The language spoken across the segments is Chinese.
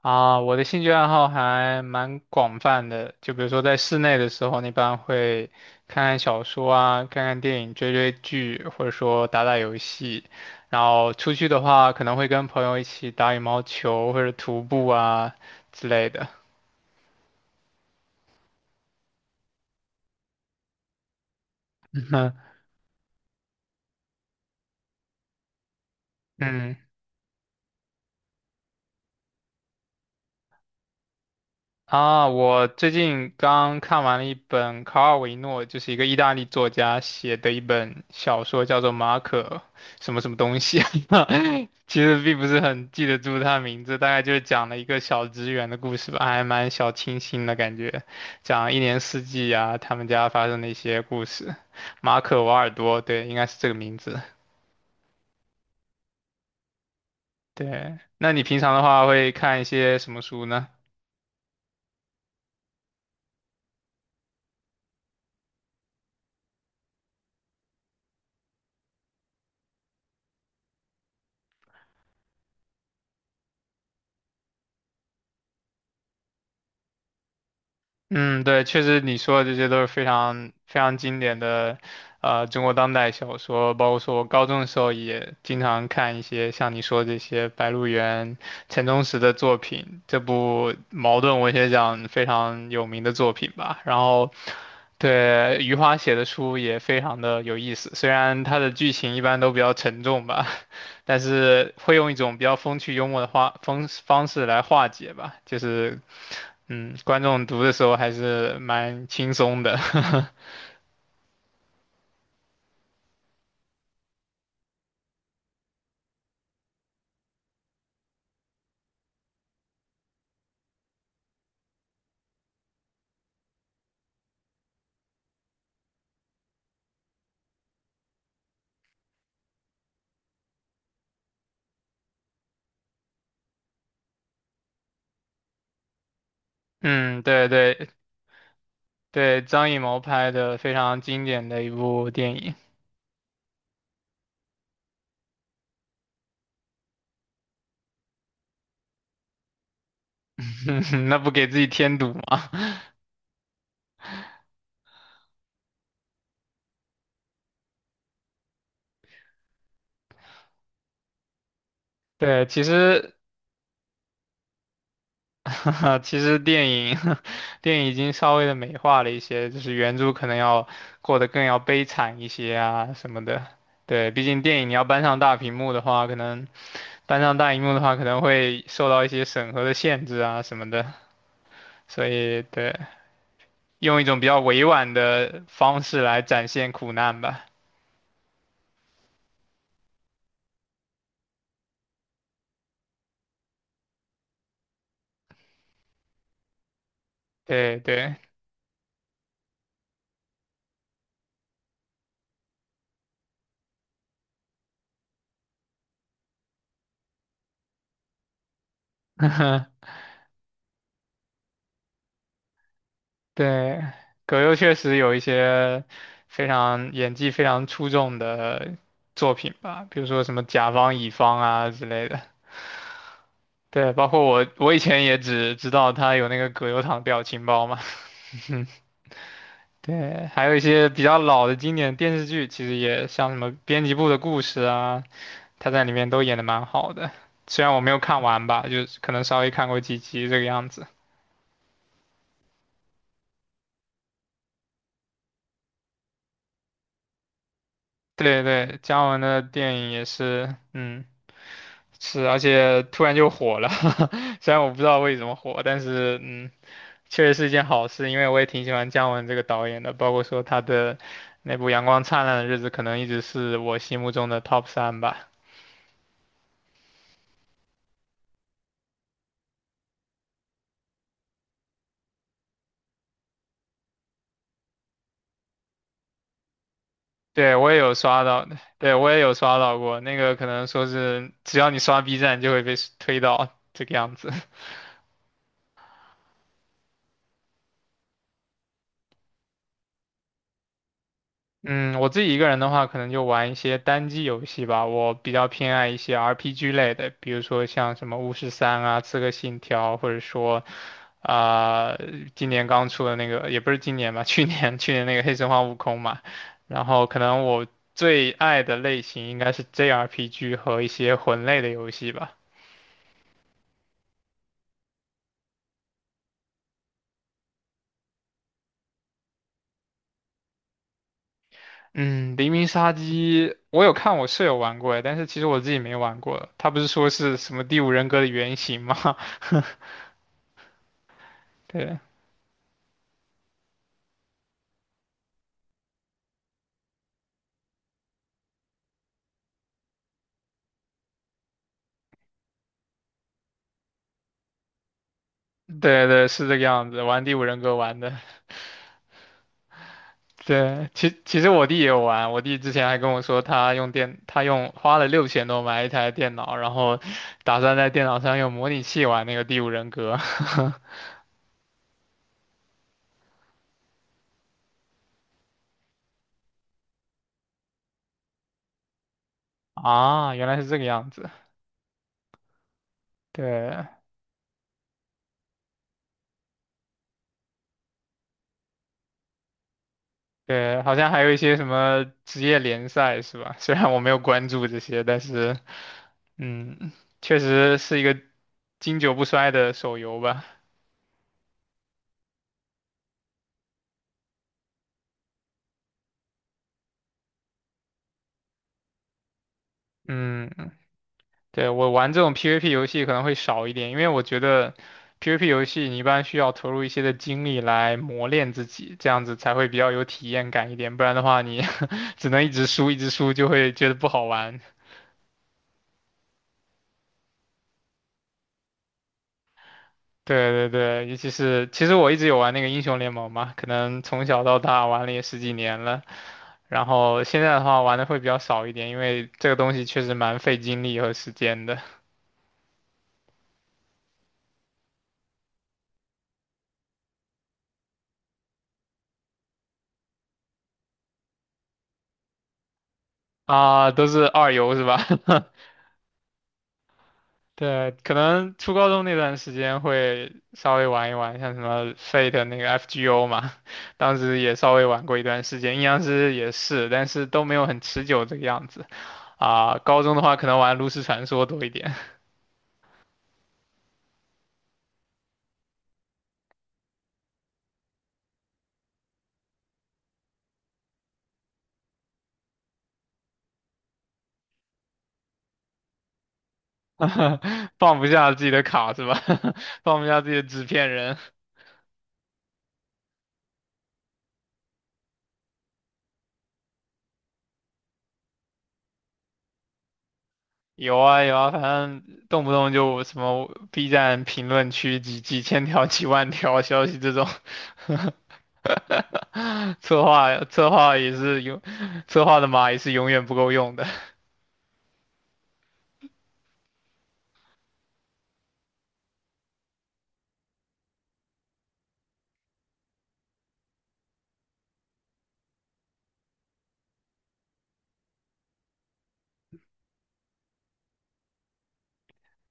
啊，我的兴趣爱好还蛮广泛的，就比如说在室内的时候，一般会看看小说啊，看看电影，追追剧，或者说打打游戏。然后出去的话，可能会跟朋友一起打羽毛球或者徒步啊之类的。嗯。啊，我最近刚看完了一本卡尔维诺，就是一个意大利作家写的一本小说，叫做《马可什么什么东西啊》其实并不是很记得住他的名字，大概就是讲了一个小职员的故事吧，还蛮小清新的感觉，讲一年四季啊，他们家发生的一些故事。马可·瓦尔多，对，应该是这个名字。对，那你平常的话会看一些什么书呢？嗯，对，确实你说的这些都是非常非常经典的，中国当代小说，包括说我高中的时候也经常看一些像你说这些白鹿原、陈忠实的作品，这部茅盾文学奖非常有名的作品吧。然后，对，余华写的书也非常的有意思，虽然它的剧情一般都比较沉重吧。但是会用一种比较风趣幽默的话方方式来化解吧，就是，观众读的时候还是蛮轻松的。嗯，对对对，张艺谋拍的非常经典的一部电影，那不给自己添堵吗？对，其实 其实电影 电影已经稍微的美化了一些，就是原著可能要过得更要悲惨一些啊什么的。对，毕竟电影你要搬上大屏幕的话，可能搬上大荧幕的话，可能会受到一些审核的限制啊什么的，所以对，用一种比较委婉的方式来展现苦难吧。对对，对，葛优确实有一些非常演技非常出众的作品吧，比如说什么甲方乙方啊之类的。对，包括我，我以前也只知道他有那个葛优躺表情包嘛。对，还有一些比较老的经典电视剧，其实也像什么《编辑部的故事》啊，他在里面都演的蛮好的，虽然我没有看完吧，就是可能稍微看过几集这个样子。对对，姜文的电影也是，嗯，是，而且突然就火了，虽然我不知道为什么火，但是确实是一件好事，因为我也挺喜欢姜文这个导演的，包括说他的那部《阳光灿烂的日子》，可能一直是我心目中的 top 三吧。对，我也有刷到，对，我也有刷到过，那个可能说是只要你刷 B 站就会被推到这个样子。嗯，我自己一个人的话，可能就玩一些单机游戏吧。我比较偏爱一些 RPG 类的，比如说像什么《巫师三》啊、《刺客信条》，或者说，啊、今年刚出的那个，也不是今年吧，去年那个《黑神话：悟空》嘛。然后可能我最爱的类型应该是 JRPG 和一些魂类的游戏吧。嗯，《黎明杀机》我有看我舍友玩过，但是其实我自己没玩过。他不是说是什么《第五人格》的原型吗？对。对对，是这个样子，玩第五人格玩的。对，其实我弟也有玩，我弟之前还跟我说，他用电，他用花了6000多买一台电脑，然后打算在电脑上用模拟器玩那个第五人格。啊，原来是这个样子。对对，好像还有一些什么职业联赛是吧？虽然我没有关注这些，但是嗯，确实是一个经久不衰的手游吧。嗯对，我玩这种 PVP 游戏可能会少一点，因为我觉得 PVP 游戏你一般需要投入一些的精力来磨练自己，这样子才会比较有体验感一点，不然的话你 只能一直输一直输，就会觉得不好玩。对对对，尤其是其实我一直有玩那个英雄联盟嘛，可能从小到大玩了也十几年了，然后现在的话玩的会比较少一点，因为这个东西确实蛮费精力和时间的啊，都是二游是吧？对，可能初高中那段时间会稍微玩一玩，像什么 Fate 那个 FGO 嘛，当时也稍微玩过一段时间，阴阳师也是，但是都没有很持久这个样子。啊，高中的话可能玩炉石传说多一点，放不下自己的卡是吧？放不下自己的纸片人。有啊有啊，反正动不动就什么 B 站评论区几千条、几万条消息这种，策划策划也是永，策划的码也是永远不够用的。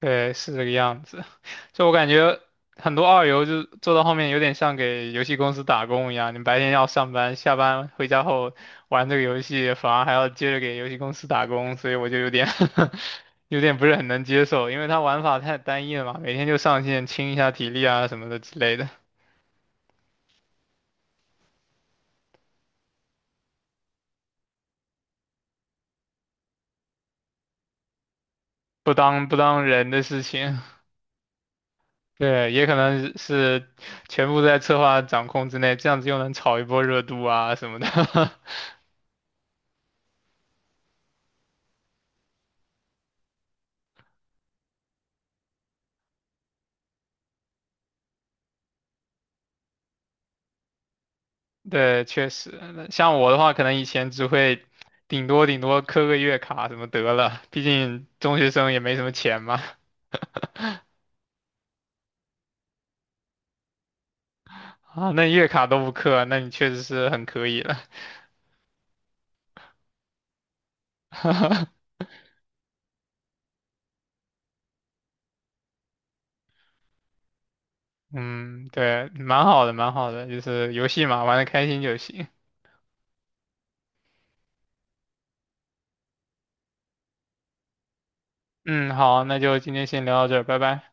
对，是这个样子。就我感觉很多二游就做到后面有点像给游戏公司打工一样，你白天要上班，下班回家后玩这个游戏，反而还要接着给游戏公司打工，所以我就有点 有点不是很能接受，因为它玩法太单一了嘛，每天就上线清一下体力啊什么的之类的，不当人的事情。对，也可能是全部在策划掌控之内，这样子又能炒一波热度啊什么的。对，确实，那像我的话，可能以前只会顶多顶多磕个月卡什么得了，毕竟中学生也没什么钱嘛。啊，那月卡都不氪，那你确实是很可以了。嗯，对，蛮好的，蛮好的，就是游戏嘛，玩的开心就行。嗯，好，那就今天先聊到这儿，拜拜。